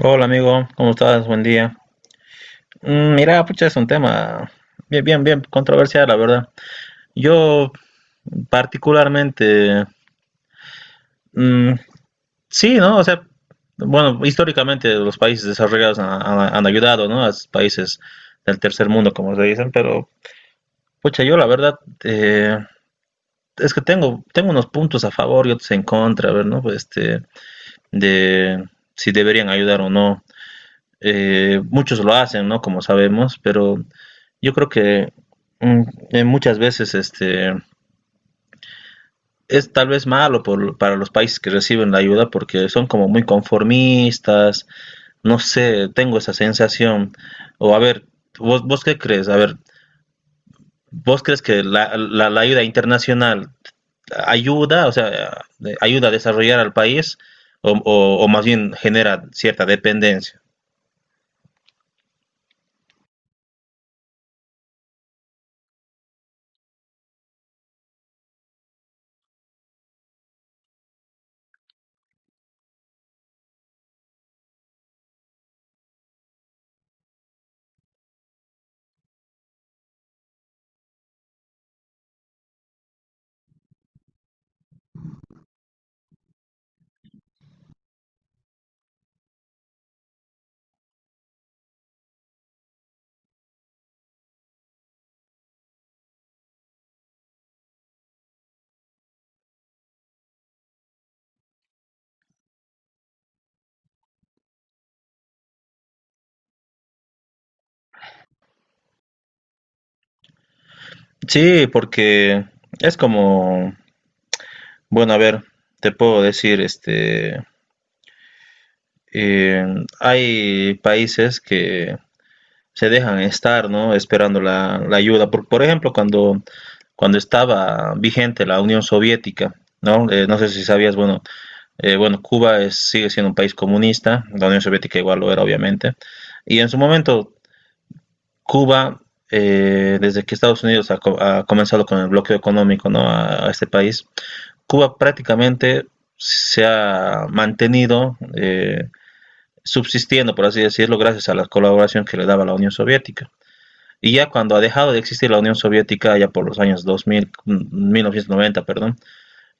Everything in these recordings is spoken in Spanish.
Hola amigo, ¿cómo estás? Buen día. Mira, pucha, es un tema bien controversial, la verdad. Yo particularmente, mm, sí, ¿no? O sea, bueno, históricamente los países desarrollados han ayudado, ¿no? A los países del tercer mundo, como se dicen, pero, pucha, yo la verdad, eh, es que tengo unos puntos a favor y otros en contra, a ver, ¿no? Pues, este, de si deberían ayudar o no. Muchos lo hacen, ¿no? Como sabemos, pero yo creo que mm, muchas veces este, es tal vez para los países que reciben la ayuda porque son como muy conformistas, no sé, tengo esa sensación. O a ver, ¿ vos qué crees? A ver, ¿vos crees que la ayuda internacional ayuda, o sea, ayuda a desarrollar al país o más bien genera cierta dependencia? Sí, porque es como... Bueno, a ver, te puedo decir, este, eh, hay países que se dejan estar, ¿no? Esperando la ayuda. Por ejemplo, cuando estaba vigente la Unión Soviética, ¿no? No sé si sabías, bueno, bueno, sigue siendo un país comunista, la Unión Soviética igual lo era, obviamente. Y en su momento, Cuba, desde que Estados Unidos ha comenzado con el bloqueo económico, ¿no? A este país, Cuba prácticamente se ha mantenido subsistiendo, por así decirlo, gracias a la colaboración que le daba la Unión Soviética. Y ya cuando ha dejado de existir la Unión Soviética, ya por los años 2000, 1990, perdón,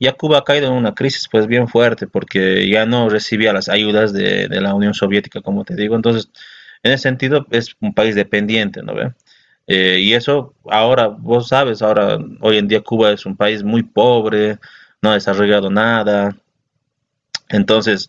ya Cuba ha caído en una crisis pues bien fuerte porque ya no recibía las ayudas de la Unión Soviética, como te digo. Entonces, en ese sentido es un país dependiente, ¿no ve? Y eso ahora, vos sabes, ahora hoy en día Cuba es un país muy pobre, no ha desarrollado nada. Entonces,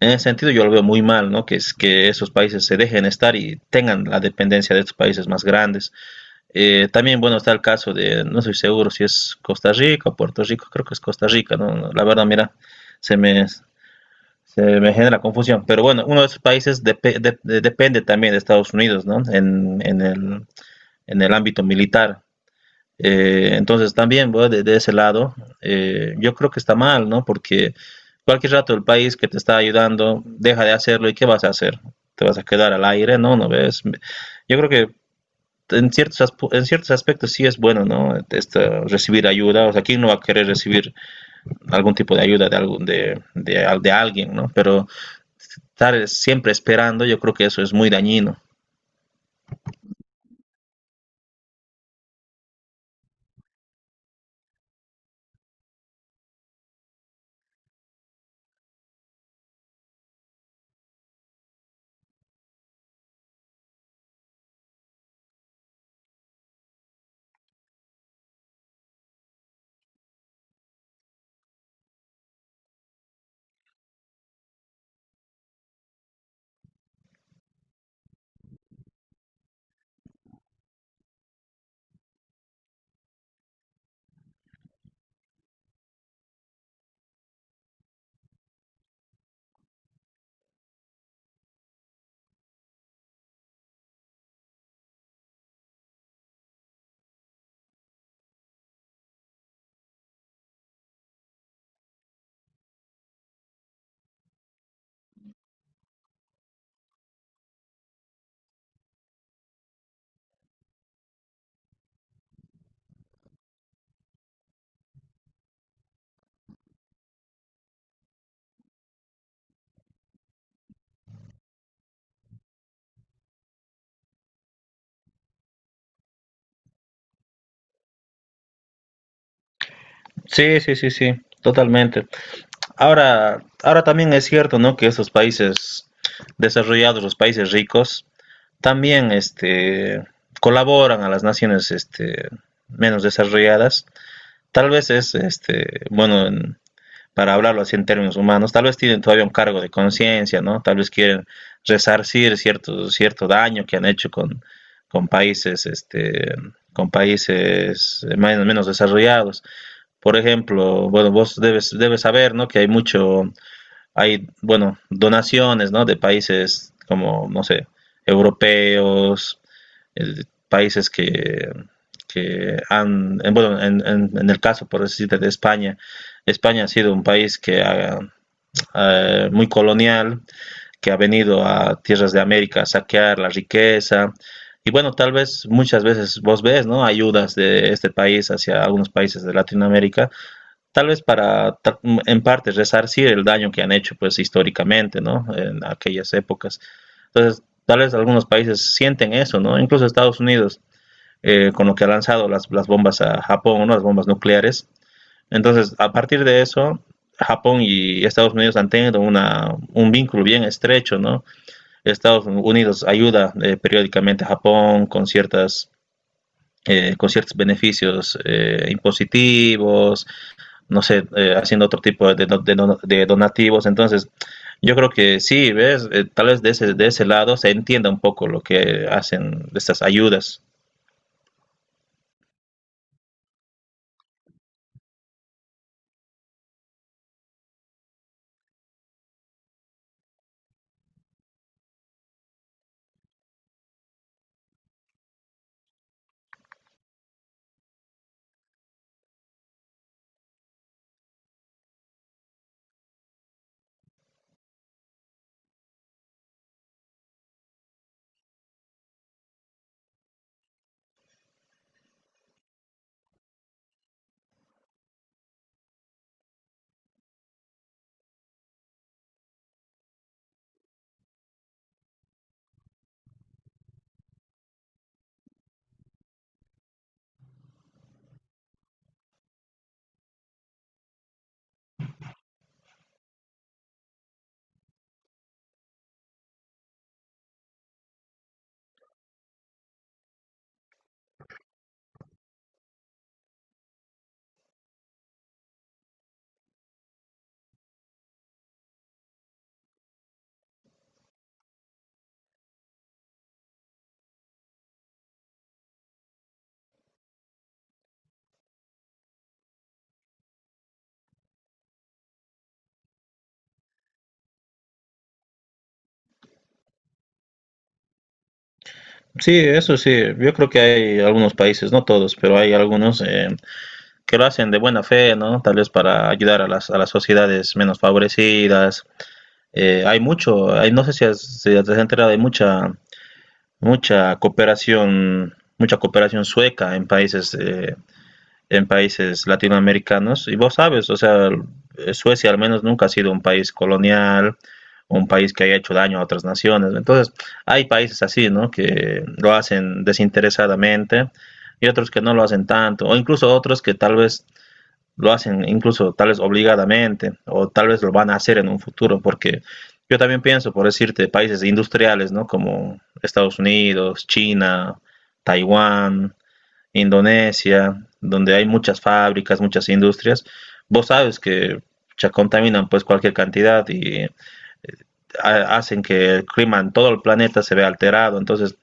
en ese sentido yo lo veo muy mal, ¿no? Que, es, que esos países se dejen estar y tengan la dependencia de estos países más grandes. También, bueno, está el caso de, no soy seguro si es Costa Rica o Puerto Rico, creo que es Costa Rica, ¿no? No, la verdad, mira, se me, se me genera confusión. Pero bueno, uno de esos países depende también de Estados Unidos, ¿no? En el ámbito militar. Entonces, también, bueno, de ese lado, yo creo que está mal, ¿no? Porque cualquier rato el país que te está ayudando deja de hacerlo y ¿qué vas a hacer? ¿Te vas a quedar al aire? No, no ves. Yo creo que en ciertos, en ciertos aspectos sí es bueno, ¿no? Este, recibir ayuda, o sea, ¿quién no va a querer recibir algún tipo de ayuda de, algún, de alguien, ¿no? Pero estar siempre esperando, yo creo que eso es muy dañino. Sí, sí, sí, sí, totalmente. Ahora también es cierto, ¿no? Que esos países desarrollados, los países ricos, también este, colaboran a las naciones este, menos desarrolladas. Tal vez es, este, bueno, para hablarlo así en términos humanos, tal vez tienen todavía un cargo de conciencia, ¿no? Tal vez quieren resarcir cierto daño que han hecho con países, este, con países más o menos desarrollados. Por ejemplo, bueno, vos debes saber, ¿no? Que hay mucho, hay, bueno, donaciones, ¿no? De países como, no sé, europeos, el, países que han, en, bueno, el caso, por decirte, de España, España ha sido un país que ha, muy colonial, que ha venido a tierras de América a saquear la riqueza. Y bueno, tal vez muchas veces vos ves, ¿no? Ayudas de este país hacia algunos países de Latinoamérica, tal vez para, en parte, resarcir el daño que han hecho, pues, históricamente, ¿no? En aquellas épocas. Entonces, tal vez algunos países sienten eso, ¿no? Incluso Estados Unidos con lo que ha lanzado las bombas a Japón, ¿no? Las bombas nucleares. Entonces, a partir de eso, Japón y Estados Unidos han tenido una, un vínculo bien estrecho, ¿no? Estados Unidos ayuda periódicamente a Japón con ciertas con ciertos beneficios impositivos, no sé, haciendo otro tipo de donativos. Entonces, yo creo que sí, ¿ves? Tal vez de de ese lado se entienda un poco lo que hacen estas ayudas. Sí, eso sí, yo creo que hay algunos países, no todos, pero hay algunos que lo hacen de buena fe, ¿no? Tal vez para ayudar a a las sociedades menos favorecidas. Hay mucho, hay, no sé si, si te has enterado, hay mucha, mucha cooperación sueca en países latinoamericanos. Y vos sabes, o sea, Suecia al menos nunca ha sido un país colonial, un país que haya hecho daño a otras naciones. Entonces, hay países así, ¿no? Que lo hacen desinteresadamente y otros que no lo hacen tanto, o incluso otros que tal vez lo hacen incluso tal vez obligadamente o tal vez lo van a hacer en un futuro, porque yo también pienso, por decirte, países industriales, ¿no? Como Estados Unidos, China, Taiwán, Indonesia, donde hay muchas fábricas, muchas industrias, vos sabes que ya contaminan pues cualquier cantidad y hacen que el clima en todo el planeta se vea alterado. Entonces,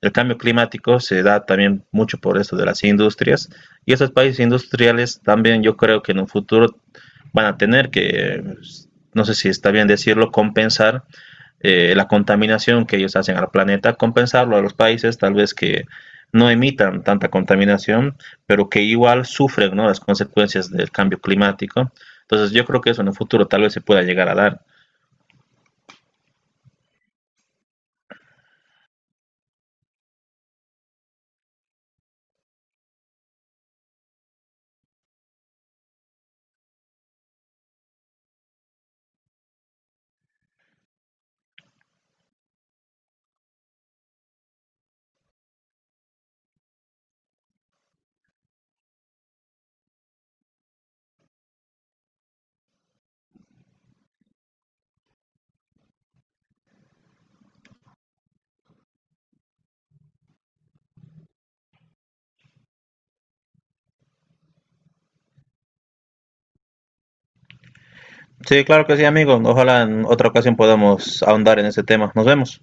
el cambio climático se da también mucho por esto de las industrias y esos países industriales también yo creo que en un futuro van a tener que, no sé si está bien decirlo, compensar la contaminación que ellos hacen al planeta, compensarlo a los países tal vez que no emitan tanta contaminación, pero que igual sufren ¿no? Las consecuencias del cambio climático. Entonces yo creo que eso en el futuro tal vez se pueda llegar a dar. Sí, claro que sí, amigo. Ojalá en otra ocasión podamos ahondar en ese tema. Nos vemos.